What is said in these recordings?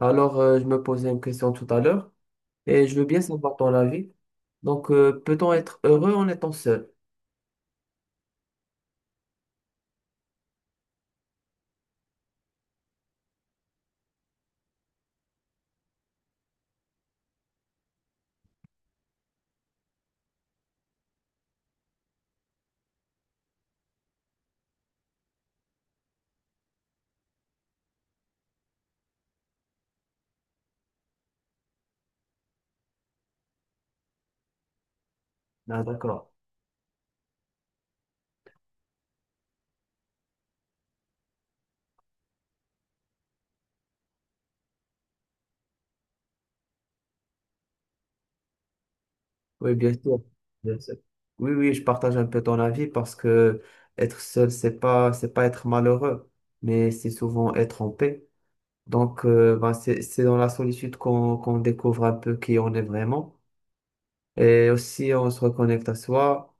Alors, je me posais une question tout à l'heure et je veux bien savoir ton avis. Donc, peut-on être heureux en étant seul? Ah, d'accord. Oui, bien sûr. Bien sûr. Oui, je partage un peu ton avis parce que être seul, c'est pas être malheureux, mais c'est souvent être en paix. Donc, c'est dans la solitude qu'on découvre un peu qui on est vraiment et aussi on se reconnecte à soi.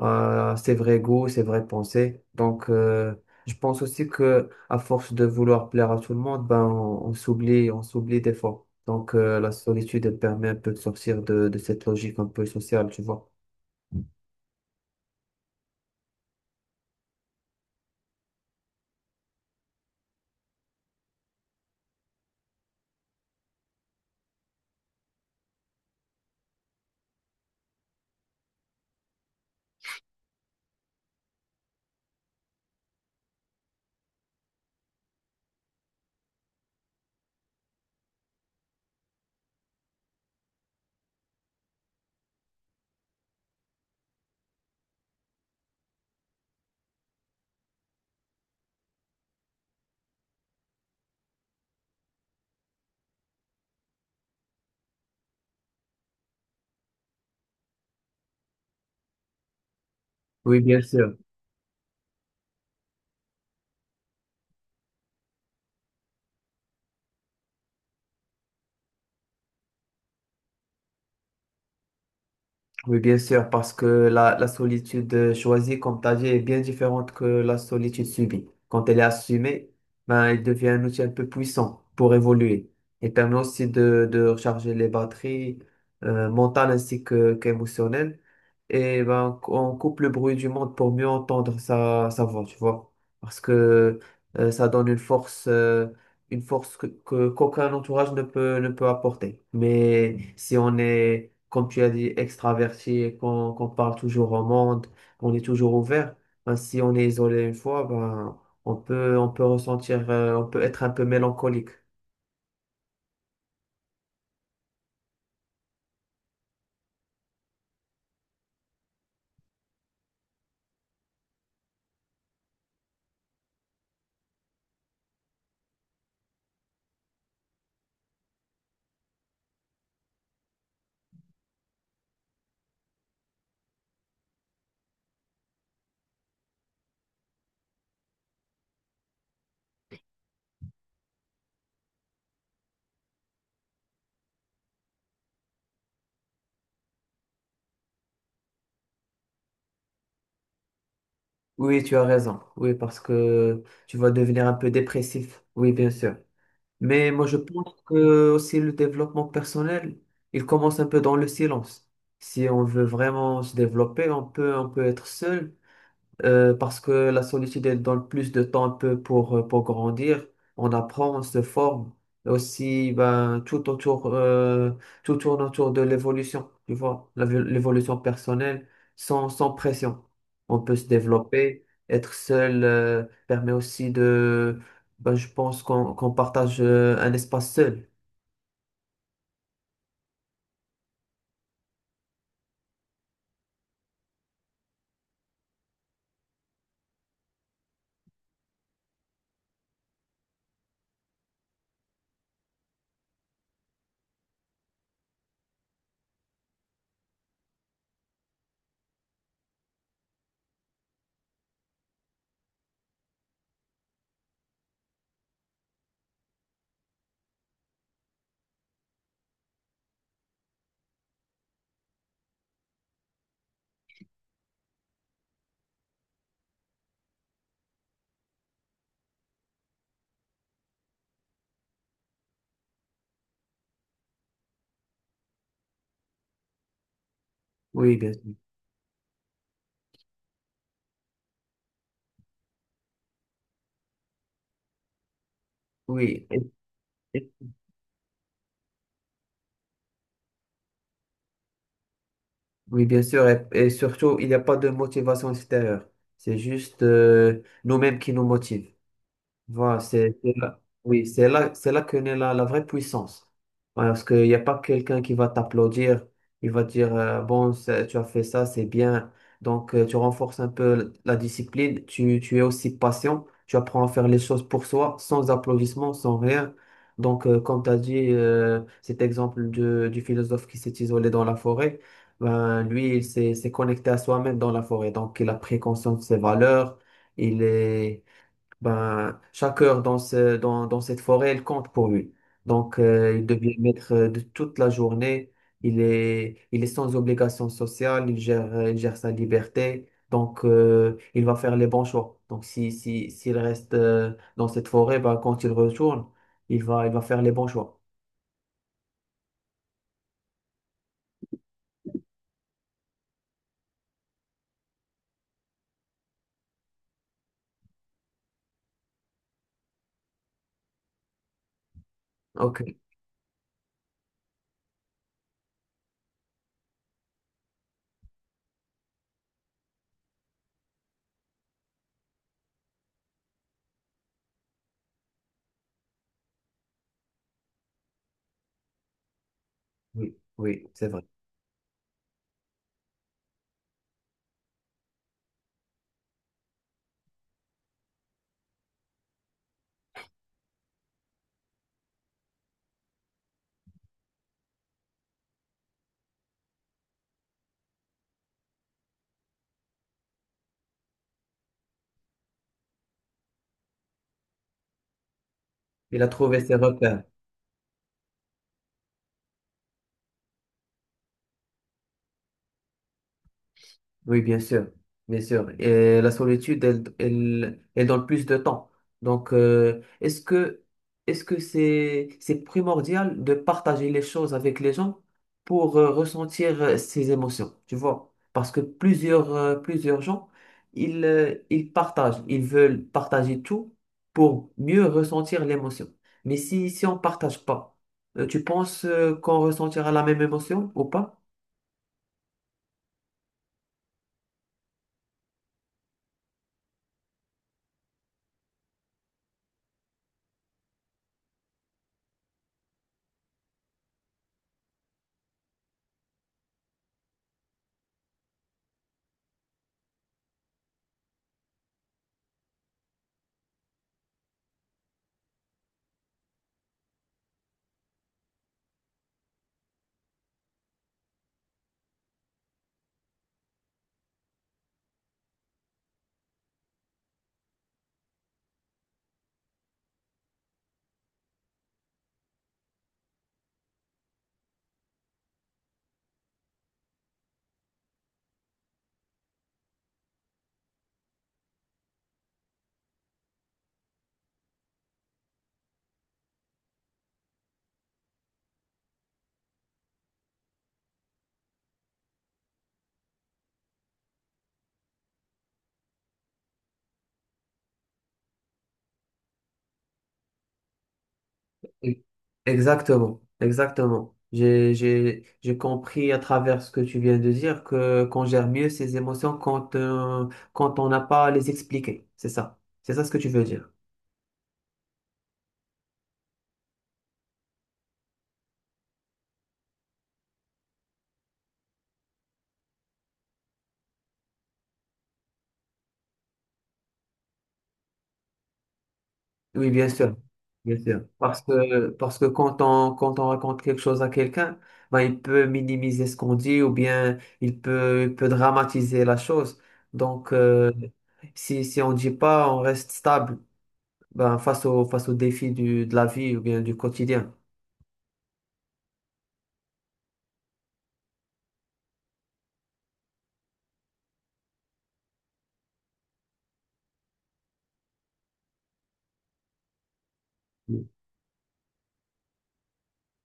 Ses vrais goûts, ses vraies pensées. Donc, je pense aussi que à force de vouloir plaire à tout le monde, ben, on s'oublie, on s'oublie des fois. Donc, la solitude, elle permet un peu de sortir de cette logique un peu sociale, tu vois. Oui, bien sûr. Oui, bien sûr, parce que la solitude choisie, comme tu as dit, est bien différente que la solitude subie. Quand elle est assumée, ben, elle devient un outil un peu puissant pour évoluer. Elle permet aussi de recharger les batteries mentales ainsi que, qu'émotionnelles. Et ben, on coupe le bruit du monde pour mieux entendre sa voix, tu vois. Parce que ça donne une force qu'aucun entourage ne peut apporter. Mais si on est comme tu as dit, extraverti, et qu'on parle toujours au monde, on est toujours ouvert. Ben, si on est isolé une fois, ben, on peut ressentir, on peut être un peu mélancolique. Oui, tu as raison. Oui, parce que tu vas devenir un peu dépressif. Oui, bien sûr. Mais moi, je pense que aussi le développement personnel, il commence un peu dans le silence. Si on veut vraiment se développer, on peut être seul parce que la solitude, elle donne plus de temps un peu pour grandir. On apprend, on se forme. Et aussi, ben, tout autour, tout tourne autour de l'évolution, tu vois, l'évolution personnelle, sans pression. On peut se développer. Être seul, permet aussi de, ben, je pense qu'on partage un espace seul. Oui, bien sûr. Oui. Oui, bien sûr, et surtout, il n'y a pas de motivation extérieure. C'est juste nous-mêmes qui nous motivent. Voilà, c'est là, oui, c'est là que naît la vraie puissance. Voilà, parce qu'il n'y a pas quelqu'un qui va t'applaudir, il va dire bon, c'est- tu as fait ça, c'est bien. Donc, tu renforces un peu la discipline, tu es aussi patient, tu apprends à faire les choses pour soi, sans applaudissements, sans rien. Donc, comme tu as dit, cet exemple de- du philosophe qui s'est isolé dans la forêt, ben, lui, il s'est connecté à soi-même dans la forêt. Donc, il a pris conscience de ses valeurs, il est. Ben, chaque heure dans cette forêt, elle compte pour lui. Donc, il devient maître de toute la journée. Il est sans obligation sociale. Il gère sa liberté. Donc, il va faire les bons choix. Donc, si, si, s'il reste dans cette forêt, ben, quand il retourne, il va faire les bons choix. OK. Oui, oui, c'est vrai. Il a trouvé ses repères. Oui, bien sûr, bien sûr. Et la solitude, elle donne plus de temps. Donc, est-ce que c'est primordial de partager les choses avec les gens pour ressentir ces émotions, tu vois? Parce que plusieurs gens, ils veulent partager tout pour mieux ressentir l'émotion. Mais si, si on partage pas, tu penses qu'on ressentira la même émotion ou pas? Exactement, exactement. J'ai compris à travers ce que tu viens de dire que qu'on gère mieux ses émotions quand, quand on n'a pas à les expliquer. C'est ça. C'est ça ce que tu veux dire. Oui, bien sûr, bien sûr. Parce que quand quand on raconte quelque chose à quelqu'un, ben, il peut minimiser ce qu'on dit ou bien il peut dramatiser la chose. Donc, si on dit pas, on reste stable, ben, face aux défis de la vie ou bien du quotidien.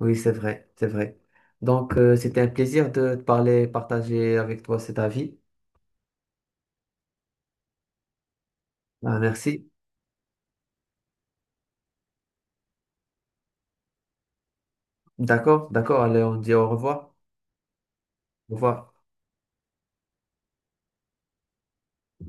Oui, c'est vrai, c'est vrai. Donc, c'était un plaisir de te parler, partager avec toi cet avis. Ah, merci. D'accord, d'accord. Allez, on dit au revoir. Au revoir.